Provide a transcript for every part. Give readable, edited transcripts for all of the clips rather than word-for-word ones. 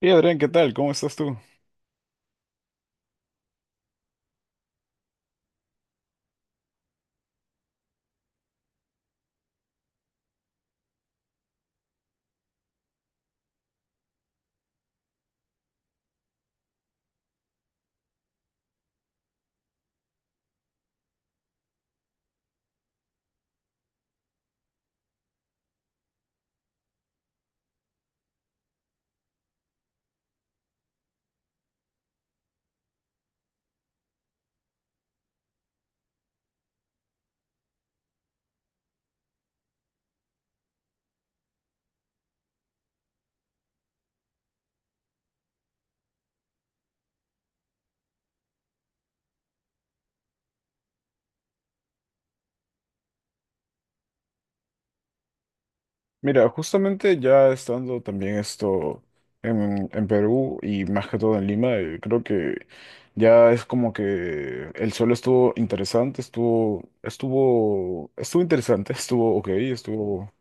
Y Adrián, ¿qué tal? ¿Cómo estás tú? Mira, justamente ya estando también esto en Perú y más que todo en Lima, creo que ya es como que el suelo estuvo interesante, estuvo interesante, estuvo ok, estuvo,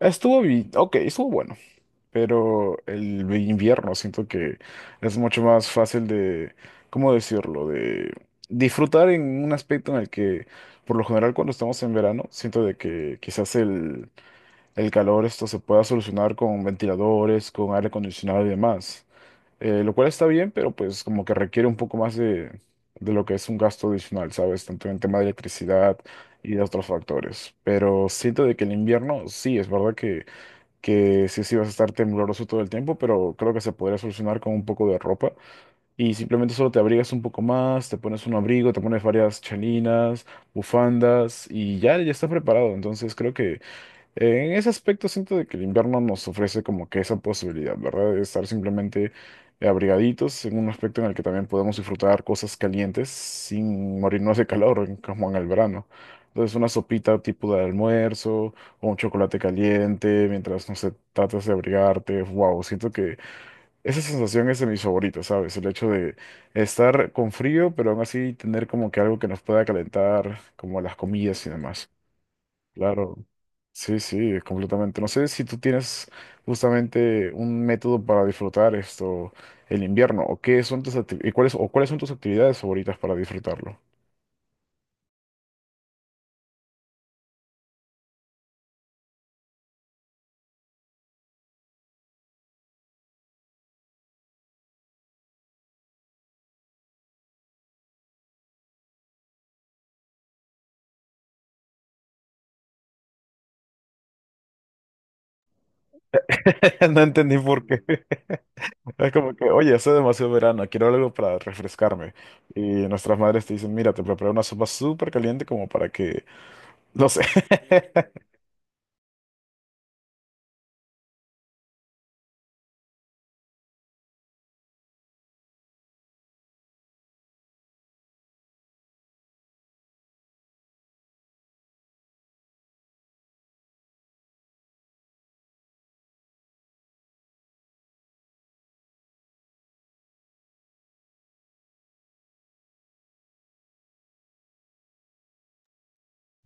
estuvo bi- ok, estuvo bueno, pero el invierno siento que es mucho más fácil de, ¿cómo decirlo? De disfrutar en un aspecto en el que, por lo general, cuando estamos en verano, siento de que quizás el calor esto se pueda solucionar con ventiladores, con aire acondicionado y demás. Lo cual está bien, pero pues como que requiere un poco más de lo que es un gasto adicional, ¿sabes? Tanto en tema de electricidad y de otros factores. Pero siento de que el invierno, sí, es verdad que, sí vas a estar tembloroso todo el tiempo, pero creo que se podría solucionar con un poco de ropa. Y simplemente solo te abrigas un poco más, te pones un abrigo, te pones varias chalinas, bufandas y ya estás preparado. Entonces creo que... En ese aspecto siento de que el invierno nos ofrece como que esa posibilidad, ¿verdad? De estar simplemente abrigaditos en un aspecto en el que también podemos disfrutar cosas calientes sin morirnos de calor, en- como en el verano. Entonces una sopita tipo de almuerzo o un chocolate caliente mientras, no sé, tratas de abrigarte. Wow, siento que esa sensación es de mis favoritas, ¿sabes? El hecho de estar con frío, pero aún así tener como que algo que nos pueda calentar, como las comidas y demás. Claro, sí, sí, completamente. No sé si tú tienes justamente un método para disfrutar esto, el invierno, o qué son tus acti- y cuáles son tus actividades favoritas para disfrutarlo. No entendí por qué. Es como que, oye, hace demasiado verano, quiero algo para refrescarme. Y nuestras madres te dicen, mira, te preparé una sopa súper caliente como para que, no sé.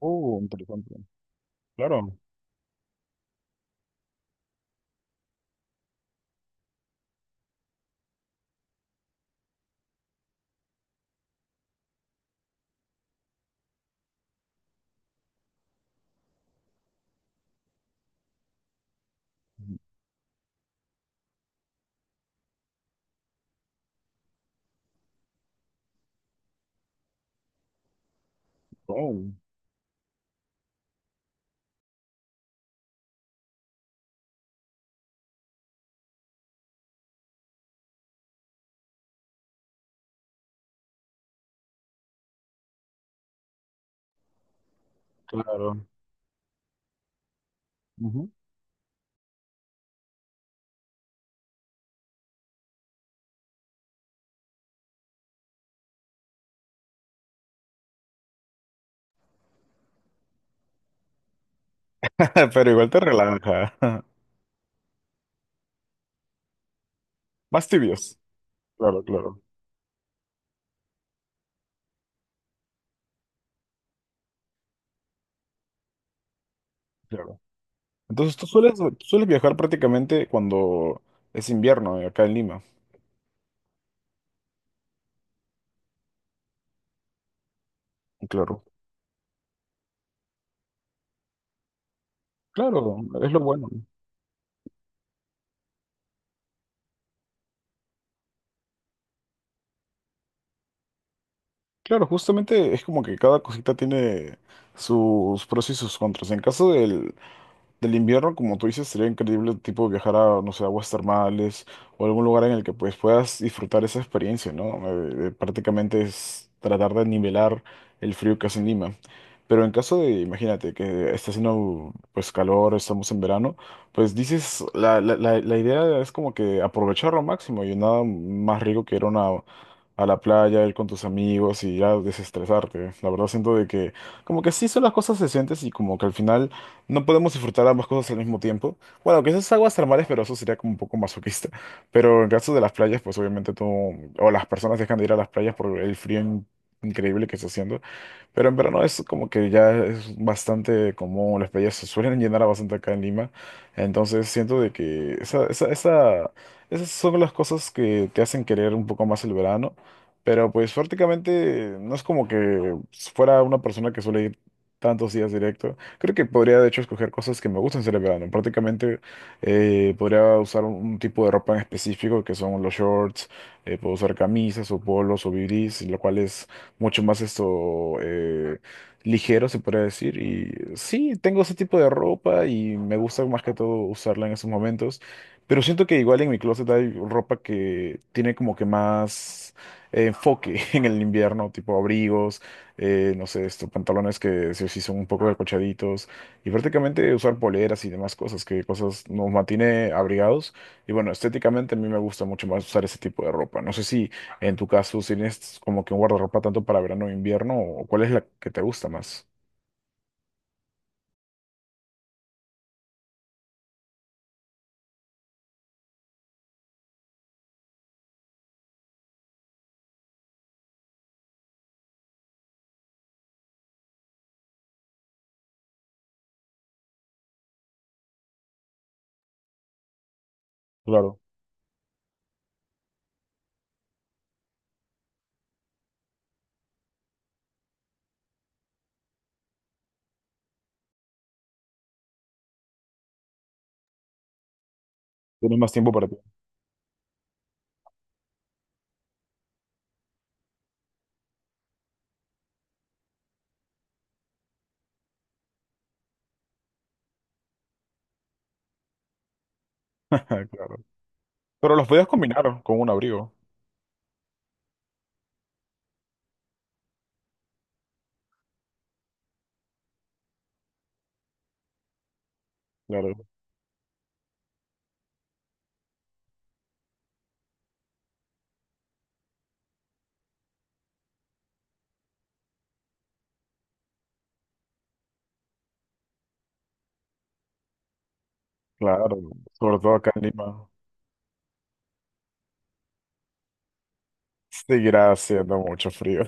Oh, interesante. Claro. Oh, claro. Ujú. Pero igual te relaja. Más tibios. Claro, claro. Claro. Entonces tú sueles viajar prácticamente cuando es invierno acá en Lima. Claro. Claro, es lo bueno. Claro, justamente es como que cada cosita tiene sus pros y sus contras. En caso del, del invierno, como tú dices, sería increíble tipo viajar a, no sé, aguas termales o algún lugar en el que pues puedas disfrutar esa experiencia, ¿no? Prácticamente es tratar de nivelar el frío que hace en Lima. Pero en caso de, imagínate, que está haciendo pues calor, estamos en verano, pues dices, la idea es como que aprovecharlo al máximo y nada más rico que ir a una- a la playa, ir con tus amigos y ya desestresarte. La verdad siento de que como que sí son las cosas decentes y como que al final no podemos disfrutar ambas cosas al mismo tiempo. Bueno, quizás aguas termales, pero eso sería como un poco masoquista. Pero en caso de las playas, pues obviamente tú o las personas dejan de ir a las playas por el frío in- increíble que está haciendo. Pero en verano es como que ya es bastante común, las playas se suelen llenar bastante acá en Lima. Entonces siento de que esa- esas son las cosas que te hacen querer un poco más el verano. Pero pues prácticamente no es como que fuera una persona que suele ir tantos días directo. Creo que podría de hecho escoger cosas que me gustan hacer el verano. Prácticamente podría usar un tipo de ropa en específico que son los shorts, puedo usar camisas o polos o bibis, lo cual es mucho más esto ligero, se podría decir. Y sí, tengo ese tipo de ropa y me gusta más que todo usarla en esos momentos. Pero siento que igual en mi closet hay ropa que tiene como que más enfoque en el invierno, tipo abrigos, no sé, esto pantalones que sí, o sí son un poco acolchaditos y prácticamente usar poleras y demás cosas, que cosas nos mantiene abrigados. Y bueno, estéticamente a mí me gusta mucho más usar ese tipo de ropa. No sé si en tu caso, si tienes como que un guardarropa tanto para verano o invierno, ¿o cuál es la que te gusta más? Claro, tienes más tiempo para ti. Claro. Pero los podías combinar con un abrigo. Claro, claro. Sobre todo acá en Lima. Seguirá haciendo mucho frío.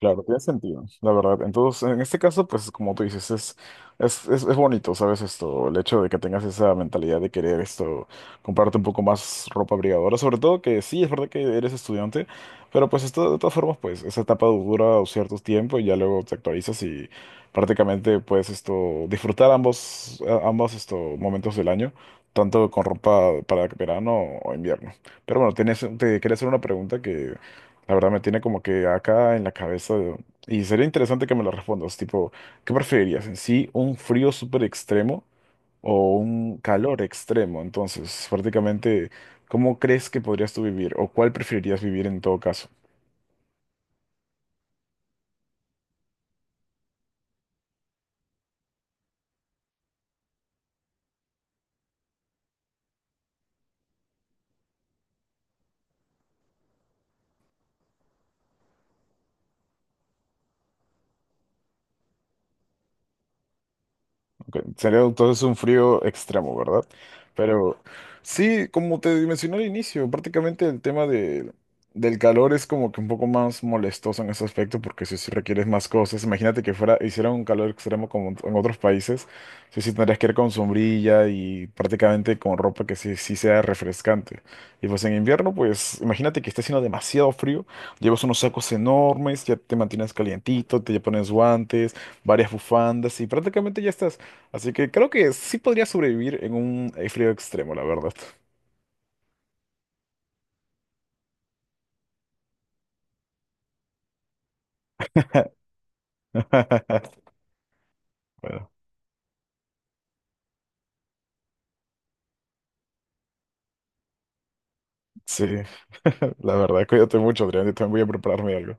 Claro, tiene sentido, la verdad. Entonces, en este caso, pues como tú dices, es bonito, ¿sabes? Esto, el hecho de que tengas esa mentalidad de querer esto, comprarte un poco más ropa abrigadora, sobre todo que sí, es verdad que eres estudiante, pero pues esto, de todas formas, pues esa etapa dura un cierto tiempo y ya luego te actualizas y prácticamente puedes esto, disfrutar ambos, a- ambos esto, momentos del año, tanto con ropa para verano o invierno. Pero bueno, tienes, te quería hacer una pregunta que la verdad me tiene como que acá en la cabeza de- y sería interesante que me lo respondas, tipo, ¿qué preferirías? ¿En sí un frío súper extremo o un calor extremo? Entonces, prácticamente, ¿cómo crees que podrías tú vivir o cuál preferirías vivir en todo caso? Ok, sería entonces un frío extremo, ¿verdad? Pero sí, como te mencioné al inicio, prácticamente el tema de, del calor es como que un poco más molestoso en ese aspecto porque si, si requieres más cosas, imagínate que fuera, hiciera un calor extremo como en otros países, sí, sí tendrías que ir con sombrilla y prácticamente con ropa que sí, sí sea refrescante. Y pues en invierno, pues imagínate que esté haciendo demasiado frío, llevas unos sacos enormes, ya te mantienes calientito, te pones guantes varias bufandas y prácticamente ya estás. Así que creo que sí podría sobrevivir en un frío extremo, la verdad. Bueno, sí, la verdad, cuídate mucho, Adrián, yo también voy a prepararme algo.